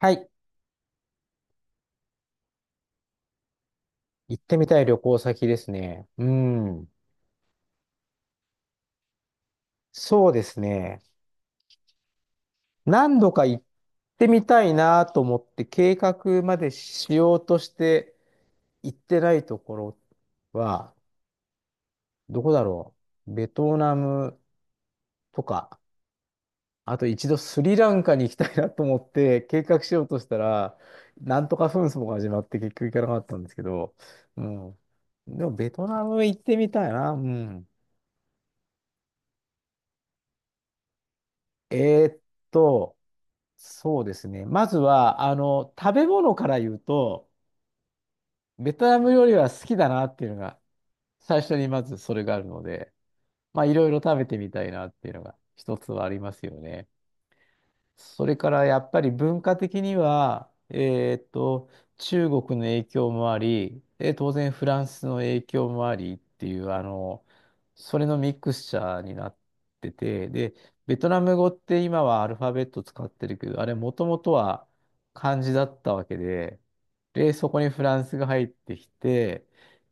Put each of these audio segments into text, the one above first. はい。行ってみたい旅行先ですね。うん。そうですね。何度か行ってみたいなと思って計画までしようとして行ってないところは、どこだろう。ベトナムとか、あと一度スリランカに行きたいなと思って計画しようとしたら、なんとか紛争が始まって結局行かなかったんですけど、うん。でもベトナム行ってみたいな。うん。えーっと、そうですね。まずは、食べ物から言うと、ベトナム料理は好きだなっていうのが、最初にまずそれがあるので、まあ、いろいろ食べてみたいなっていうのが、一つはありますよね。それからやっぱり文化的には、中国の影響もあり、で、当然フランスの影響もありっていう、それのミクスチャーになってて、で、ベトナム語って今はアルファベット使ってるけど、あれもともとは漢字だったわけで、で、そこにフランスが入ってきて、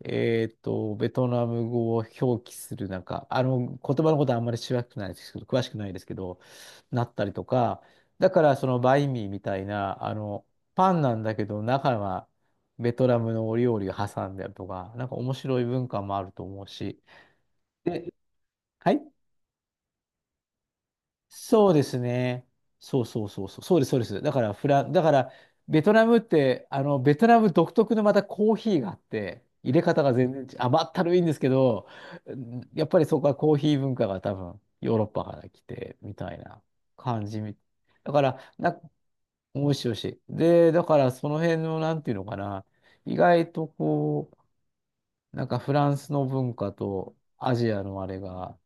ベトナム語を表記する、なんか、言葉のことはあんまり詳しくないですけど、詳しくないですけど、なったりとか、だからそのバインミーみたいな、パンなんだけど中はベトナムのお料理を挟んであるとか、なんか面白い文化もあると思うし。で、はい。そうですね。そうそうそうそう。そうです、そうです。だからベトナムって、ベトナム独特のまたコーヒーがあって、入れ方が全然違う。甘ったるいんですけど、うん、やっぱりそこはコーヒー文化が多分ヨーロッパから来てみたいな感じみ。だから、な、美味しい美味しい。で、だからその辺の、なんていうのかな、意外とこう、なんかフランスの文化とアジアのあれが、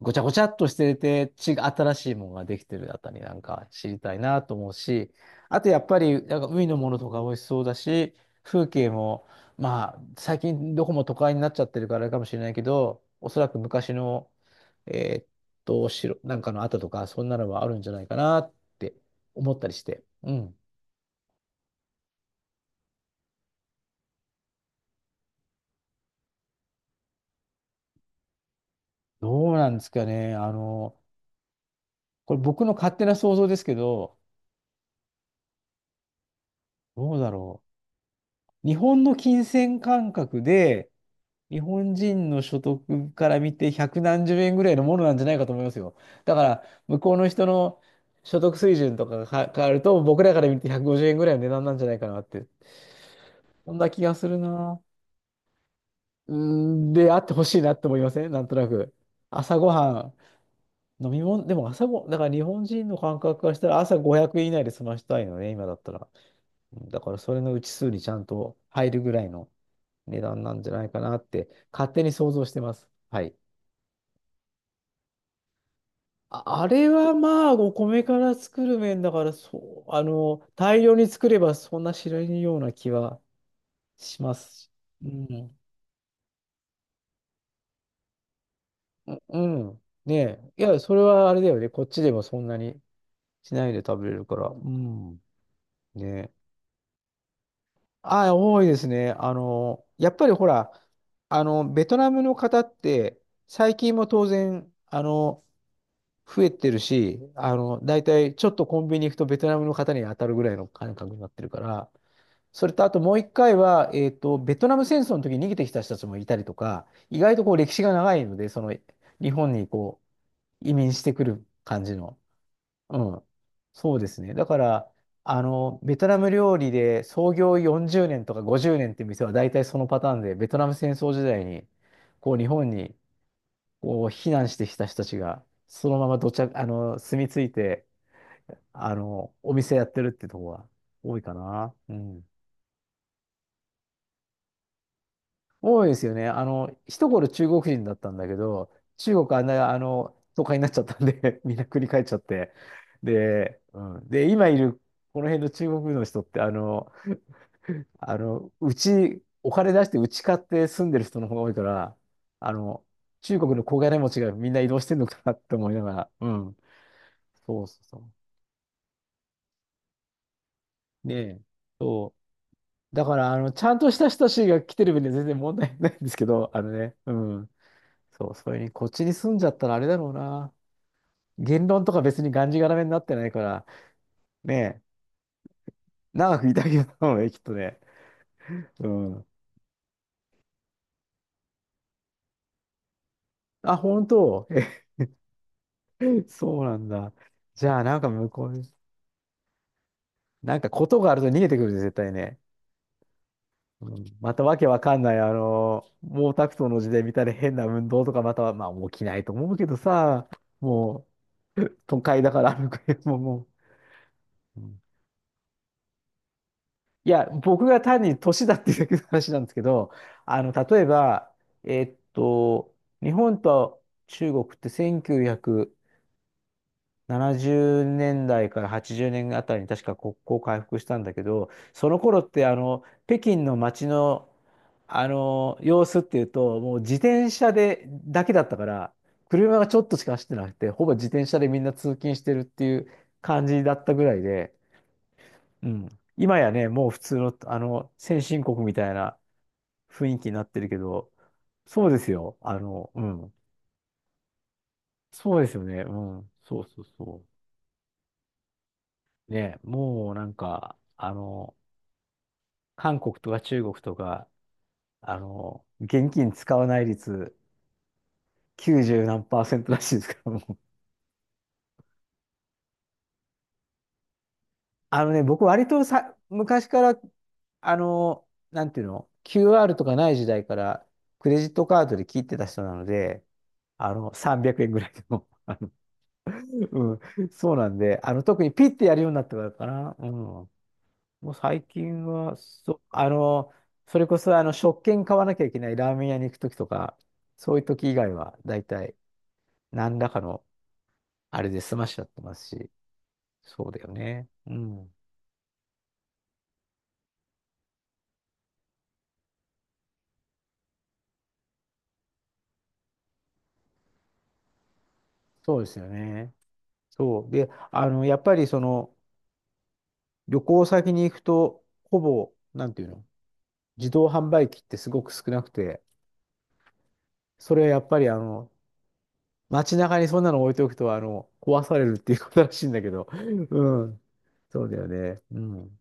ごちゃごちゃっとしてて、新しいものができてるあたりなんか知りたいなと思うし、あとやっぱり、なんか海のものとか美味しそうだし、風景も、まあ、最近どこも都会になっちゃってるからあれかもしれないけど、おそらく昔の、えーっ城、なんかの跡とか、そんなのはあるんじゃないかなって思ったりして。うん。どうなんですかね。これ僕の勝手な想像ですけど、どうだろう。日本の金銭感覚で、日本人の所得から見て百何十円ぐらいのものなんじゃないかと思いますよ。だから、向こうの人の所得水準とかがか変わると、僕らから見て150円ぐらいの値段なんじゃないかなって、そんな気がするな。うーん、で、あってほしいなって思いませんなんとなく。朝ごはん、飲み物、でも朝ご、だから日本人の感覚からしたら朝500円以内で済ましたいのね、今だったら。だからそれのうち数にちゃんと入るぐらいの値段なんじゃないかなって勝手に想像してます。はい。あ、あれはまあお米から作る麺だからそう、あの大量に作ればそんな知らないような気はしますし。うん。うん。ねえ。いや、それはあれだよね。こっちでもそんなにしないで食べれるから。うん。ねえ。ああ、多いですね。やっぱりほら、ベトナムの方って、最近も当然、増えてるし、大体ちょっとコンビニ行くとベトナムの方に当たるぐらいの感覚になってるから、それとあともう一回は、ベトナム戦争の時に逃げてきた人たちもいたりとか、意外とこう歴史が長いので、その日本にこう移民してくる感じの。うん。そうですね。だから、ベトナム料理で創業40年とか50年っていう店は大体そのパターンで、ベトナム戦争時代にこう日本にこう、避難してきた人たちが、そのままどちゃ、住み着いて、お店やってるってとこが多いかな。うん。多いですよね。一頃中国人だったんだけど、中国あんな、都会になっちゃったんで みんな繰り返っちゃって。で、うん。で、今いる、この辺の中国の人って、お金出してうち買って住んでる人の方が多いから、あの、中国の小金持ちがみんな移動してんのかなって思いながら、うん。そうそうそう。ねえ。そう。だから、ちゃんとした人たちが来てる分には全然問題ないんですけど、あのね、うん。そう、それに、こっちに住んじゃったらあれだろうな。言論とか別にがんじがらめになってないから、ねえ、長くいたけどもね、きっとね。うん。あ、本当。 え、そうなんだ。じゃあ、なんか向こうに、なんかことがあると逃げてくるで、絶対ね。うん、またわけわかんない、毛沢東の時代みたいな変な運動とか、または、まあ、起きないと思うけどさ、もう、都会だから歩くよ、もう、もう。うん、いや、僕が単に年だっていうだけの話なんですけど、例えば、えっと、日本と中国って1900、 70年代から80年あたりに確か国交回復したんだけど、その頃ってあの北京の街の、あの様子っていうと、もう自転車でだけだったから、車がちょっとしか走ってなくて、ほぼ自転車でみんな通勤してるっていう感じだったぐらいで、うん、今やね、もう普通の、あの先進国みたいな雰囲気になってるけど、そうですよ。うん。そうですよね。うん。そうそうそう。ね、もうなんか、韓国とか中国とか、現金使わない率90何パーセントらしいですから、もう。あのね、僕割とさ、昔から、あの、なんていうの、QR とかない時代から、クレジットカードで切ってた人なので、300円ぐらいでも、うん、そうなんで、特にピッてやるようになってからかな。うん。もう最近は、そう、それこそあの食券買わなきゃいけないラーメン屋に行くときとか、そういうとき以外は、だいたい何らかのあれで済ましちゃってますし、そうだよね。うん。そうですよね。そう。で、やっぱりその、旅行先に行くと、ほぼ、なんていうの、自動販売機ってすごく少なくて、それはやっぱりあの、街中にそんなの置いておくと、壊されるっていうことらしいんだけど、うん。そうだよね。うん。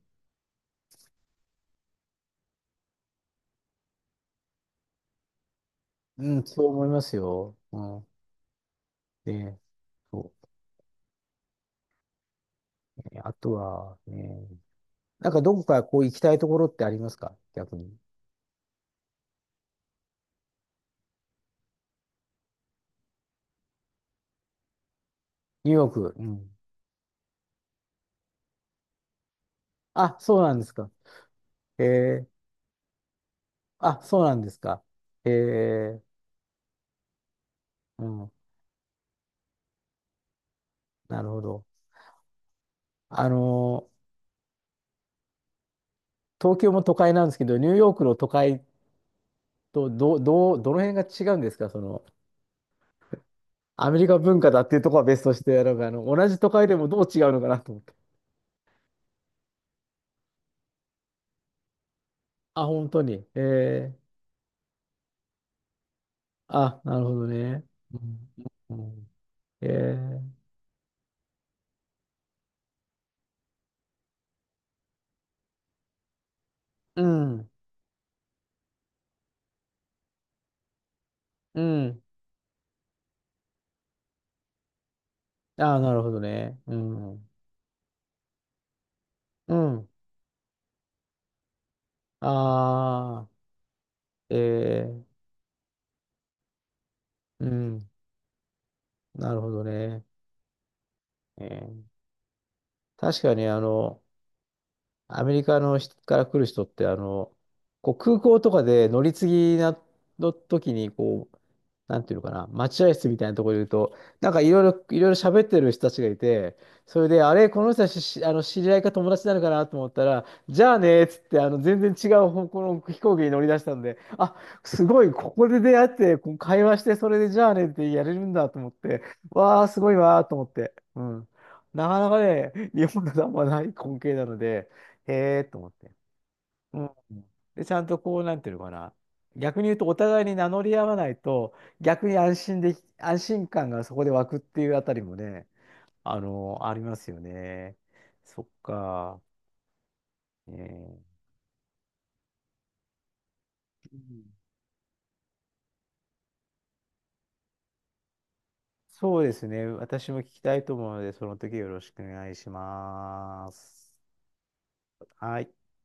うん、そう思いますよ。うん。で、そうね。あとはね、なんかどこかこう行きたいところってありますか、逆に。ニューヨーク。うん。あ、そうなんですか。えー、あ、そうなんですか。えー、うん。なるほど。あの、東京も都会なんですけど、ニューヨークの都会とどの辺が違うんですか、その、アメリカ文化だっていうところは別として、なんかあの、同じ都会でもどう違うのかなと思って。あ、本当に。ーあ、なるほどね。うん、うん、えー、うん、うん。ああ、なるほどね。うん、うん。ああ、えー、うん、なるほどね。えー、確かに、アメリカの人から来る人って、こう空港とかで乗り継ぎの時に、こう、なんていうのかな、待合室みたいなところにいると、なんかいろいろ喋ってる人たちがいて、それで、あれ、この人たちしあの知り合いか友達なのかなと思ったら、じゃあねーっつって、全然違う方向の飛行機に乗り出したんで、あ、すごい、ここで出会って、こう会話して、それでじゃあねってやれるんだと思って、わー、すごいわーと思って。うん。なかなかね、日本だとあんまない光景なので、へえと思って。うん。で、ちゃんとこう、なんていうのかな。逆に言うと、お互いに名乗り合わないと、逆に安心感がそこで湧くっていうあたりもね、ありますよね。そっか。えーうん、そうですね。私も聞きたいと思うので、その時よろしくお願いします。はい。